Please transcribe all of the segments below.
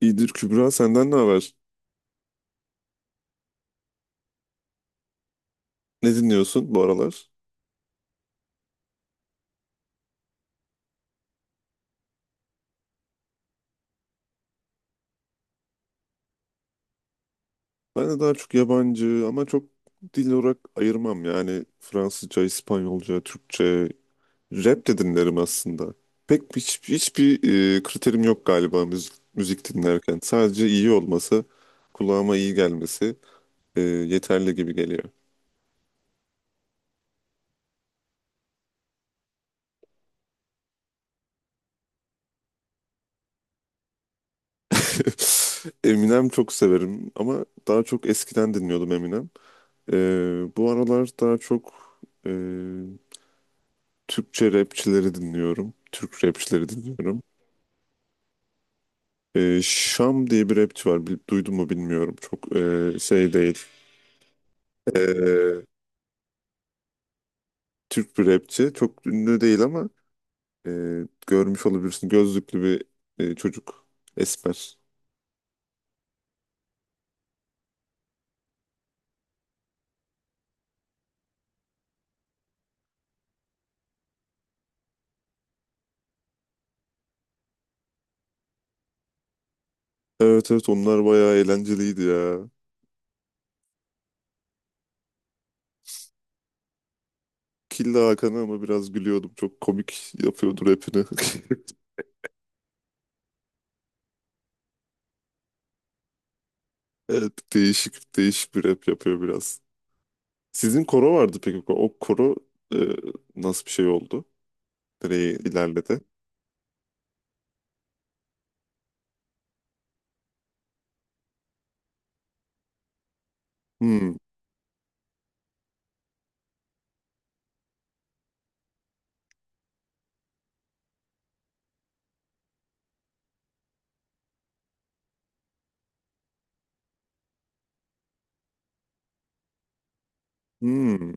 İyidir Kübra, senden ne haber? Ne dinliyorsun bu aralar? Ben de daha çok yabancı ama çok dil olarak ayırmam. Yani Fransızca, İspanyolca, Türkçe, rap de dinlerim aslında. Pek hiç, hiçbir kriterim yok galiba müzik dinlerken. Sadece iyi olması, kulağıma iyi gelmesi yeterli gibi geliyor. Eminem çok severim ama daha çok eskiden dinliyordum Eminem. E, Bu aralar daha çok e, Türkçe rapçileri dinliyorum. Türk rapçileri dinliyorum. Şam diye bir rapçi var. Duydun mu bilmiyorum. Çok değil. Ee, Türk bir rapçi. Çok ünlü değil ama e, görmüş olabilirsin. Gözlüklü bir çocuk. Esmer. Evet evet, onlar bayağı eğlenceliydi ya. Killa Hakan'a ama biraz gülüyordum. Çok komik yapıyordu rapini. Evet, değişik değişik bir rap yapıyor biraz. Sizin koro vardı peki. O koro e, nasıl bir şey oldu? Direği ilerledi. Hmm. Hmm.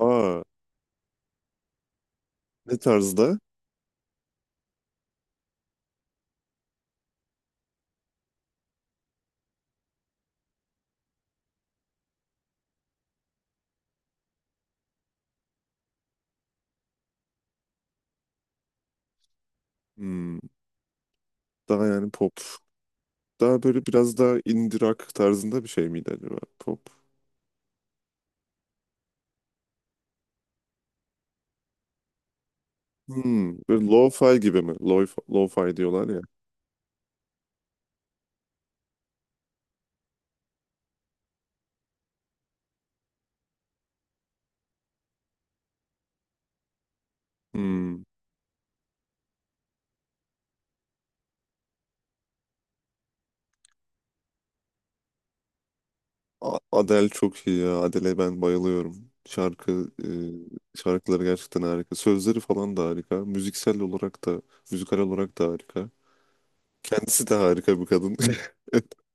Aa, ne tarzda? Hmm, daha yani pop. Daha böyle biraz daha indie rock tarzında bir şey miydi acaba? Pop. Hmm, böyle lo-fi gibi mi? Lo-fi, lo-fi diyorlar ya. Hmm. A- Adele çok iyi ya. Adele'e ben bayılıyorum. Şarkıları gerçekten harika. Sözleri falan da harika. Müziksel olarak da, müzikal olarak da harika. Kendisi de harika bir kadın.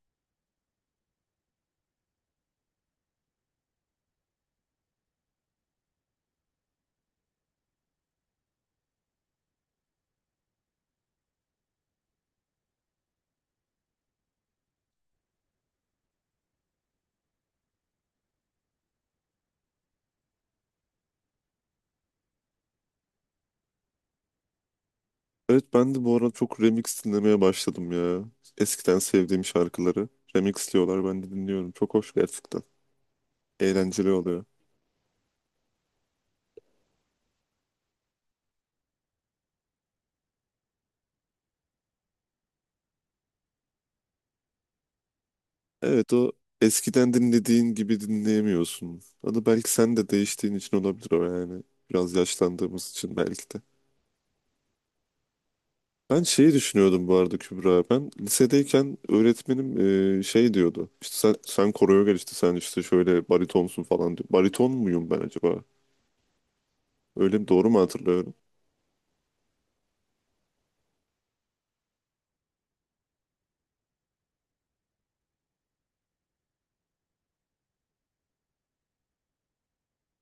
Evet, ben de bu ara çok remix dinlemeye başladım ya. Eskiden sevdiğim şarkıları remixliyorlar, ben de dinliyorum. Çok hoş gerçekten. Eğlenceli oluyor. Evet, o eskiden dinlediğin gibi dinleyemiyorsun. Onu belki sen de değiştiğin için olabilir o yani. Biraz yaşlandığımız için belki de. Ben şeyi düşünüyordum bu arada Kübra. Ben lisedeyken öğretmenim şey diyordu. İşte sen koroya gel, işte sen işte şöyle baritonsun falan diyor. Bariton muyum ben acaba? Öyle mi, doğru mu hatırlıyorum?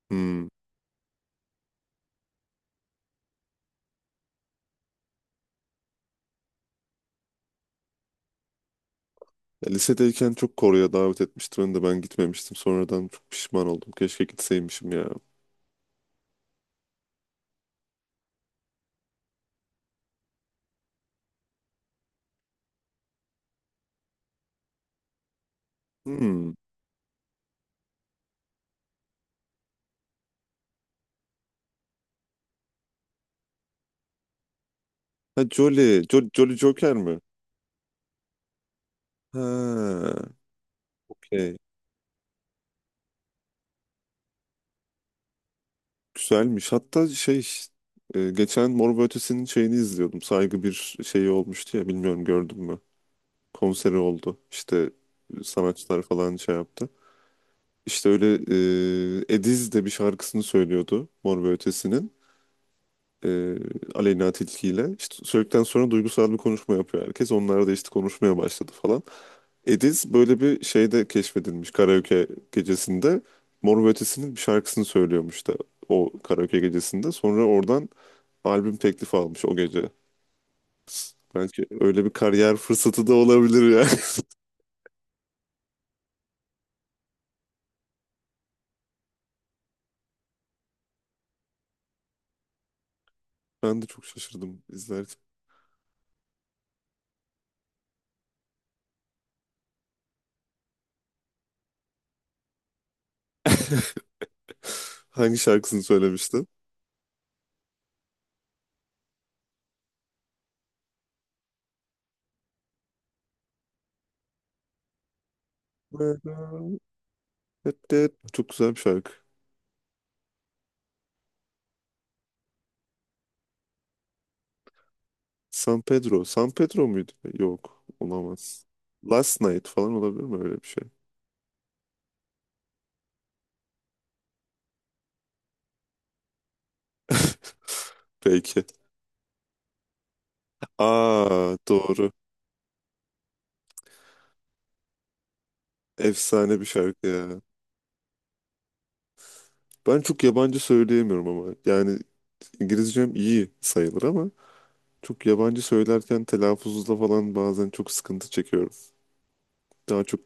Hmm. Ya lisedeyken çok Kore'ye davet etmişti beni de, ben gitmemiştim. Sonradan çok pişman oldum. Keşke gitseymişim ya. Hmm. Ha, Jolly. Jolly Joker mi? Ha. Okey. Güzelmiş. Hatta geçen Mor ve Ötesi'nin şeyini izliyordum. Saygı bir şeyi olmuştu ya, bilmiyorum, gördün mü? Konseri oldu. İşte sanatçılar falan şey yaptı. İşte öyle Ediz de bir şarkısını söylüyordu Mor ve Ötesi'nin. e, Aleyna Tilki ile. İşte söyledikten sonra duygusal bir konuşma yapıyor herkes. Onlar da işte konuşmaya başladı falan. Ediz böyle bir şeyde keşfedilmiş, karaoke gecesinde. Mor ve Ötesi'nin bir şarkısını söylüyormuş da o karaoke gecesinde. Sonra oradan albüm teklifi almış o gece. Belki öyle bir kariyer fırsatı da olabilir yani. Ben de çok şaşırdım izlerken. Hangi şarkısını söylemiştin? Çok güzel bir şarkı. San Pedro. San Pedro muydu? Yok. Olamaz. Last Night falan olabilir mi, öyle bir şey? Belki. Aa, doğru. Efsane bir şarkı ya. Ben çok yabancı söyleyemiyorum ama. Yani İngilizcem iyi sayılır ama çok yabancı söylerken telaffuzda falan bazen çok sıkıntı çekiyorum. Daha çok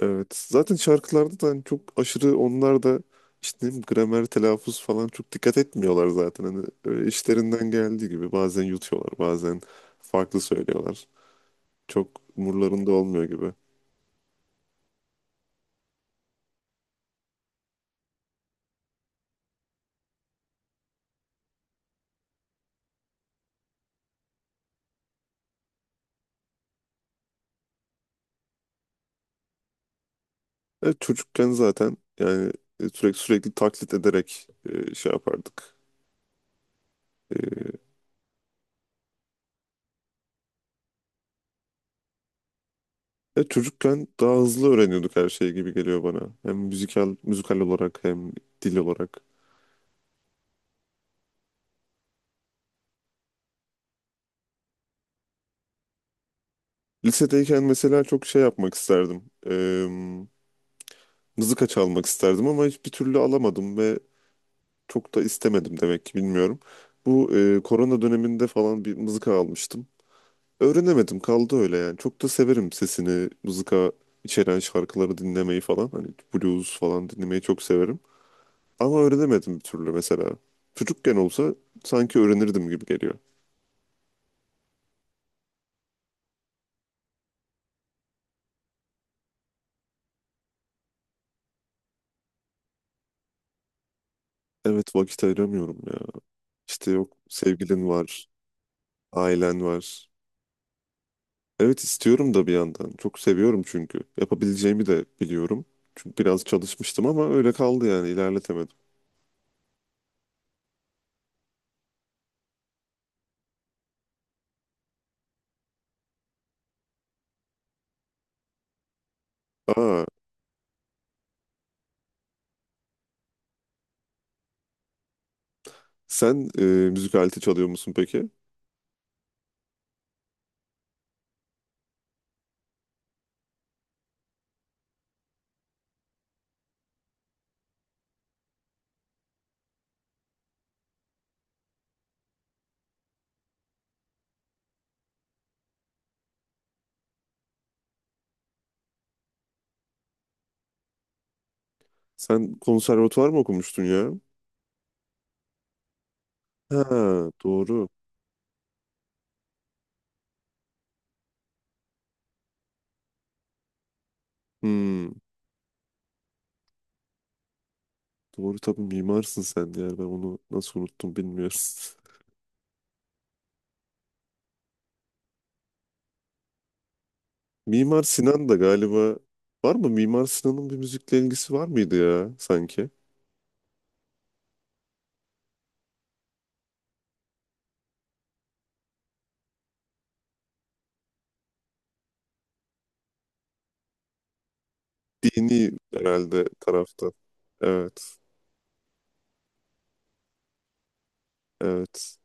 evet. Zaten şarkılarda da hani çok aşırı onlar da işte gramer, telaffuz falan çok dikkat etmiyorlar zaten. Hani öyle işlerinden geldiği gibi bazen yutuyorlar, bazen farklı söylüyorlar. Çok umurlarında olmuyor gibi. Evet, çocukken zaten yani sürekli sürekli taklit ederek yapardık. E, evet, çocukken daha hızlı öğreniyorduk her şeyi, gibi geliyor bana. Hem müzikal müzikal olarak hem dil olarak. Lisedeyken mesela çok şey yapmak isterdim. Mızıka çalmak isterdim ama hiçbir türlü alamadım ve çok da istemedim demek ki, bilmiyorum. Bu korona döneminde falan bir mızıka almıştım. Öğrenemedim, kaldı öyle yani. Çok da severim sesini, mızıka içeren şarkıları dinlemeyi falan. Hani blues falan dinlemeyi çok severim. Ama öğrenemedim bir türlü mesela. Çocukken olsa sanki öğrenirdim gibi geliyor. Evet, vakit ayıramıyorum ya. İşte yok, sevgilin var, ailen var. Evet, istiyorum da bir yandan. Çok seviyorum çünkü. Yapabileceğimi de biliyorum. Çünkü biraz çalışmıştım ama öyle kaldı yani, ilerletemedim. Aa, sen müzik aleti çalıyor musun peki? Sen konservatuvar mı okumuştun ya? Ha, doğru. Hmm, doğru tabii, mimarsın sen de yani, ben onu nasıl unuttum bilmiyorum. Mimar Sinan da galiba, var mı? Mimar Sinan'ın bir müzikle ilgisi var mıydı ya sanki? Dini herhalde tarafta. Evet, evet.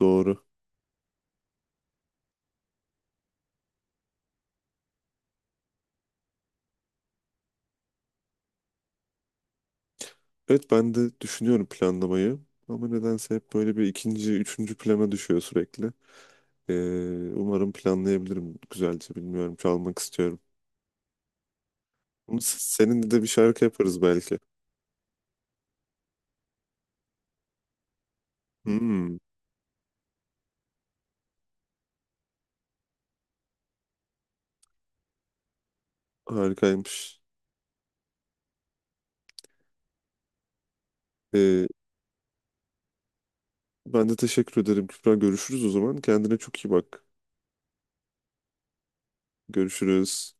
Doğru. Evet, ben de düşünüyorum planlamayı. Ama nedense hep böyle bir ikinci, üçüncü plana düşüyor sürekli. Ee, Umarım planlayabilirim güzelce, bilmiyorum. Çalmak istiyorum. Ama s- Seninle de bir şarkı yaparız belki. Hmm, harikaymış. Ee, Ben de teşekkür ederim Kübra. Görüşürüz o zaman. Kendine çok iyi bak. Görüşürüz.